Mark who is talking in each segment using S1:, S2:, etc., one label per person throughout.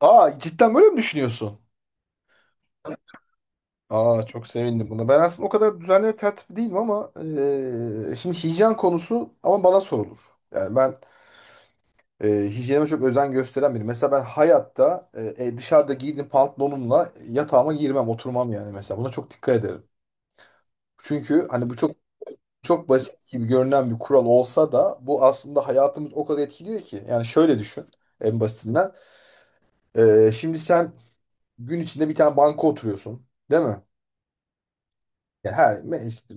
S1: Aa cidden böyle mi düşünüyorsun? Aa çok sevindim buna. Ben aslında o kadar düzenli ve tertipli değilim ama şimdi hijyen konusu ama bana sorulur. Yani ben hijyenime çok özen gösteren biriyim. Mesela ben hayatta dışarıda giydiğim pantolonumla yatağıma girmem, oturmam yani mesela. Buna çok dikkat ederim. Çünkü hani bu çok çok basit gibi görünen bir kural olsa da bu aslında hayatımız o kadar etkiliyor ki. Yani şöyle düşün en basitinden. Şimdi sen gün içinde bir tane banka oturuyorsun, değil mi? Ya işte,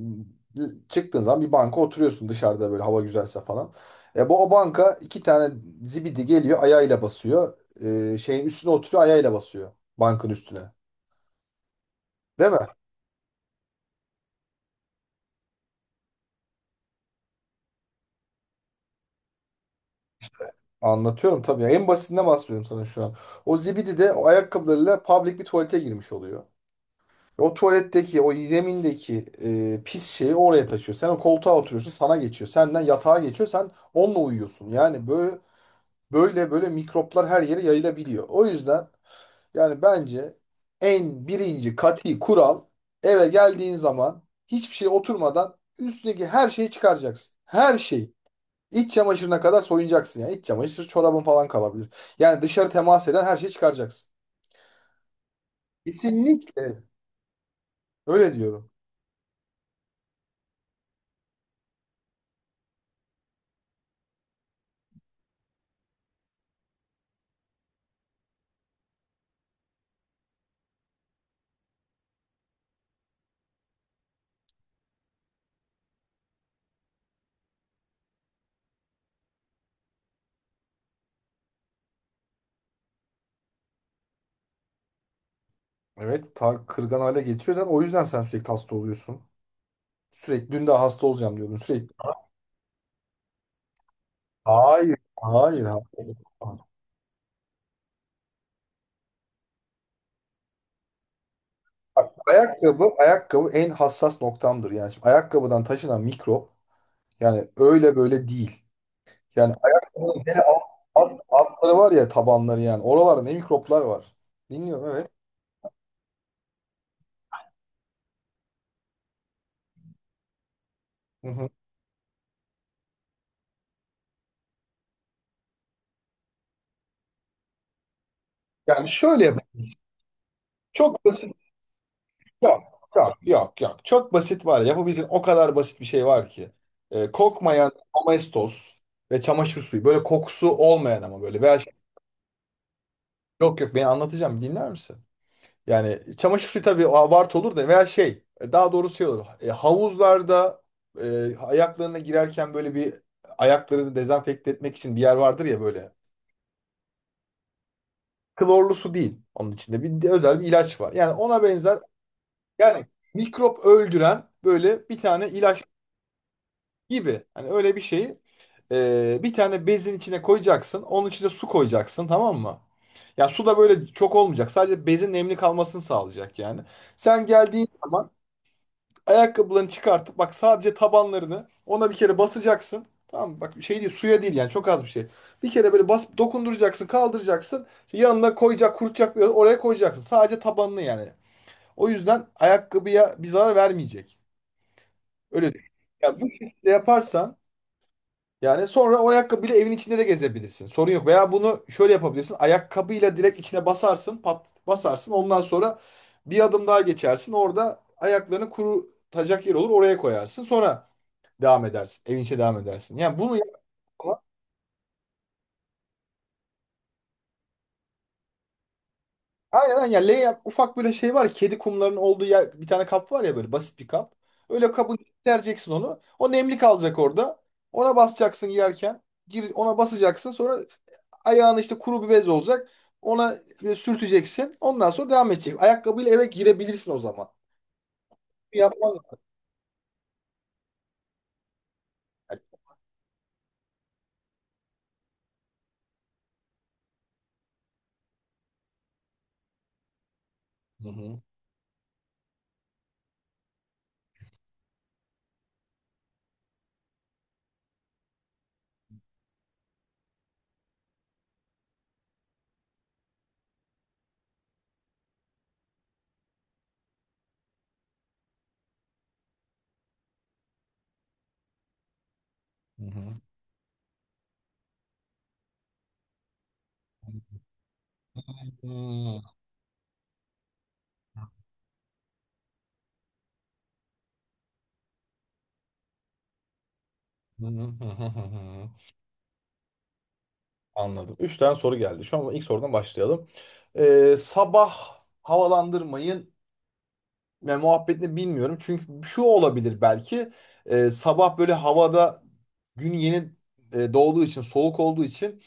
S1: çıktığın zaman bir banka oturuyorsun dışarıda böyle hava güzelse falan. Bu o banka iki tane zibidi geliyor ayağıyla basıyor. Şeyin üstüne oturuyor ayağıyla basıyor. Bankın üstüne. Değil mi? Anlatıyorum tabii ya. En basitinden bahsediyorum sana şu an. O zibidi de o ayakkabılarıyla public bir tuvalete girmiş oluyor. O tuvaletteki, o zemindeki pis şeyi oraya taşıyor. Sen o koltuğa oturuyorsun, sana geçiyor. Senden yatağa geçiyor, sen onunla uyuyorsun. Yani böyle böyle mikroplar her yere yayılabiliyor. O yüzden yani bence en birinci kati kural eve geldiğin zaman hiçbir şey oturmadan üstündeki her şeyi çıkaracaksın. Her şeyi. İç çamaşırına kadar soyunacaksın yani. İç çamaşır çorabın falan kalabilir. Yani dışarı temas eden her şeyi çıkaracaksın. Kesinlikle. Öyle diyorum. Evet, kırgan hale getiriyor. Zaten o yüzden sen sürekli hasta oluyorsun. Sürekli dün de hasta olacağım diyordun sürekli. Hayır. Hayır. Bak, ayakkabı en hassas noktamdır. Yani şimdi ayakkabıdan taşınan mikrop. Yani öyle böyle değil. Yani ayaklarının hele altları var ya tabanları yani. Oralarda ne mikroplar var. Dinliyorum evet. Hı hı. Yani şöyle yap- Çok basit. Yok, yok, yok, yok. Çok basit var. Yapabileceğin o kadar basit bir şey var ki. Kokmayan Domestos ve çamaşır suyu. Böyle kokusu olmayan ama böyle. Yok, yok, beni anlatacağım. Dinler misin? Yani çamaşır suyu tabii abartı olur da veya şey daha doğrusu şey olur. Havuzlarda ayaklarına girerken böyle bir ayaklarını dezenfekte etmek için bir yer vardır ya böyle. Klorlu su değil, onun içinde bir de özel bir ilaç var. Yani ona benzer yani mikrop öldüren böyle bir tane ilaç gibi. Hani öyle bir şeyi bir tane bezin içine koyacaksın. Onun içine su koyacaksın, tamam mı? Ya su da böyle çok olmayacak. Sadece bezin nemli kalmasını sağlayacak yani. Sen geldiğin zaman ayakkabılarını çıkartıp bak sadece tabanlarını ona bir kere basacaksın. Tamam mı? Bak şey değil, suya değil yani, çok az bir şey. Bir kere böyle bas dokunduracaksın, kaldıracaksın. İşte yanına koyacak kurutacak bir oraya koyacaksın. Sadece tabanını yani. O yüzden ayakkabıya bir zarar vermeyecek. Öyle düşün. Ya bu şekilde yaparsan yani sonra o ayakkabıyla evin içinde de gezebilirsin. Sorun yok. Veya bunu şöyle yapabilirsin. Ayakkabıyla direkt içine basarsın, pat basarsın. Ondan sonra bir adım daha geçersin. Orada ayaklarını kurutacak yer olur. Oraya koyarsın. Sonra devam edersin. Evin içine devam edersin. Yani bunu yapma. Aynen, aynen. Yani layout ufak böyle şey var. Kedi kumlarının olduğu yer- Bir tane kap var ya böyle basit bir kap. Öyle kabın içine onu. O nemli kalacak orada. Ona basacaksın yerken. Gir, ona basacaksın. Sonra ayağını işte kuru bir bez olacak. Ona böyle sürteceksin. Ondan sonra devam edecek. Ayakkabıyla eve girebilirsin o zaman. Yapman lazım. Hı hı. Hı hı. Hı hı. Hı hı. Anladım. Üç tane soru geldi. Şu an ilk sorudan başlayalım. Sabah havalandırmayın ve muhabbetini bilmiyorum. Çünkü şu olabilir belki. Sabah böyle havada gün yeni doğduğu için, soğuk olduğu için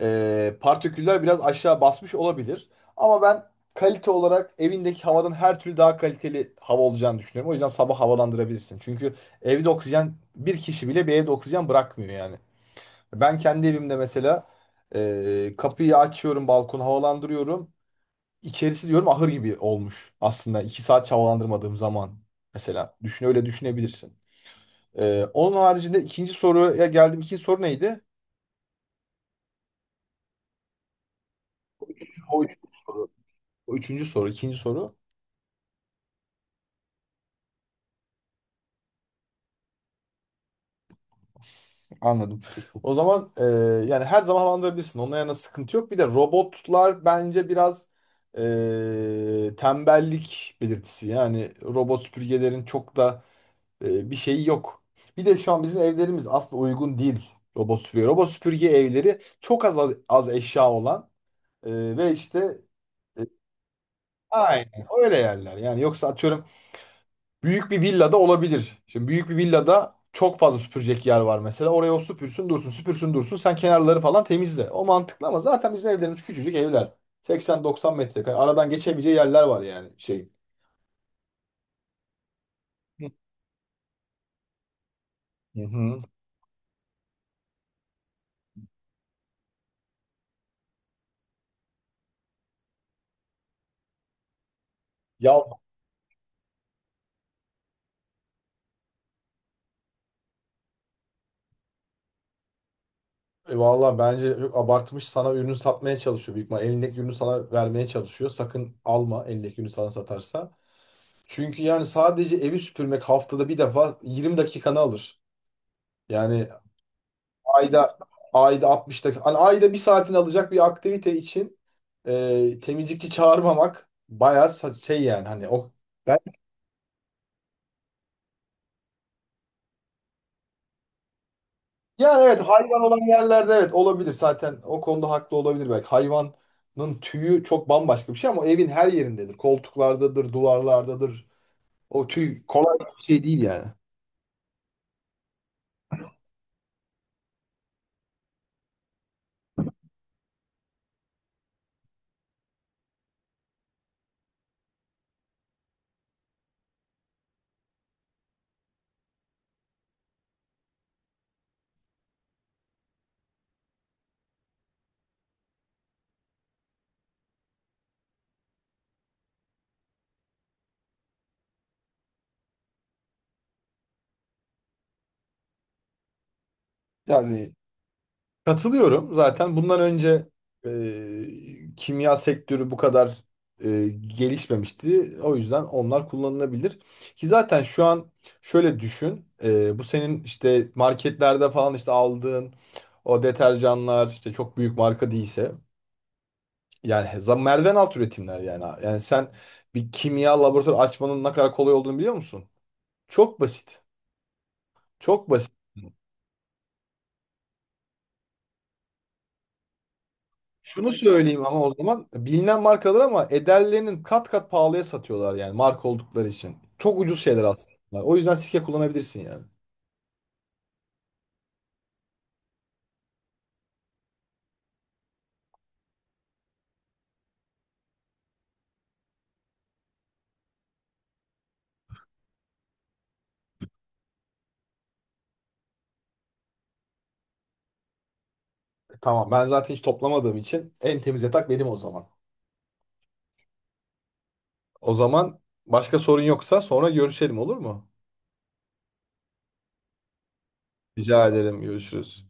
S1: partiküller biraz aşağı basmış olabilir. Ama ben kalite olarak evindeki havadan her türlü daha kaliteli hava olacağını düşünüyorum. O yüzden sabah havalandırabilirsin. Çünkü evde oksijen, bir kişi bile bir evde oksijen bırakmıyor yani. Ben kendi evimde mesela kapıyı açıyorum, balkonu havalandırıyorum. İçerisi diyorum ahır gibi olmuş aslında, iki saat havalandırmadığım zaman mesela. Düşün öyle düşünebilirsin. Onun haricinde ikinci soruya geldim. İkinci soru neydi? O üçüncü soru. O üçüncü soru, ikinci soru. Anladım. O zaman yani her zaman havalandırabilirsin. Onunla yana sıkıntı yok. Bir de robotlar bence biraz tembellik belirtisi. Yani robot süpürgelerin çok da bir şey yok. Bir de şu an bizim evlerimiz aslında uygun değil robot süpürge. Robot süpürge evleri çok az eşya olan ve işte e, aynen öyle yerler. Yani yoksa atıyorum büyük bir villada olabilir. Şimdi büyük bir villada çok fazla süpürecek yer var mesela. Oraya o süpürsün dursun, süpürsün dursun. Sen kenarları falan temizle. O mantıklı ama zaten bizim evlerimiz küçücük evler. 80-90 metrekare. Aradan geçebileceği yerler var yani şey. Hı hı. Ya Valla bence çok abartmış. Sana ürünü satmaya çalışıyor büyük ihtimalle. Elindeki ürünü sana vermeye çalışıyor. Sakın alma elindeki ürünü sana satarsa. Çünkü yani sadece evi süpürmek haftada bir defa 20 dakikanı alır. Yani ayda ayda 60 dakika. Hani ayda bir saatini alacak bir aktivite için temizlikçi çağırmamak bayağı şey yani hani o. Yani evet, hayvan olan yerlerde evet olabilir, zaten o konuda haklı olabilir belki. Hayvanın tüyü çok bambaşka bir şey ama evin her yerindedir. Koltuklardadır, duvarlardadır. O tüy kolay bir şey değil yani. Yani katılıyorum, zaten bundan önce kimya sektörü bu kadar e, gelişmemişti. O yüzden onlar kullanılabilir. Ki zaten şu an şöyle düşün, bu senin işte marketlerde falan işte aldığın o deterjanlar işte çok büyük marka değilse, yani merdiven alt üretimler yani. Yani sen bir kimya laboratuvarı açmanın ne kadar kolay olduğunu biliyor musun? Çok basit. Çok basit. Şunu söyleyeyim ama o zaman, bilinen markalar ama ederlerinin kat kat pahalıya satıyorlar yani marka oldukları için. Çok ucuz şeyler aslında. O yüzden sike kullanabilirsin yani. Tamam, ben zaten hiç toplamadığım için en temiz yatak benim o zaman. O zaman başka sorun yoksa sonra görüşelim, olur mu? Rica ederim, görüşürüz.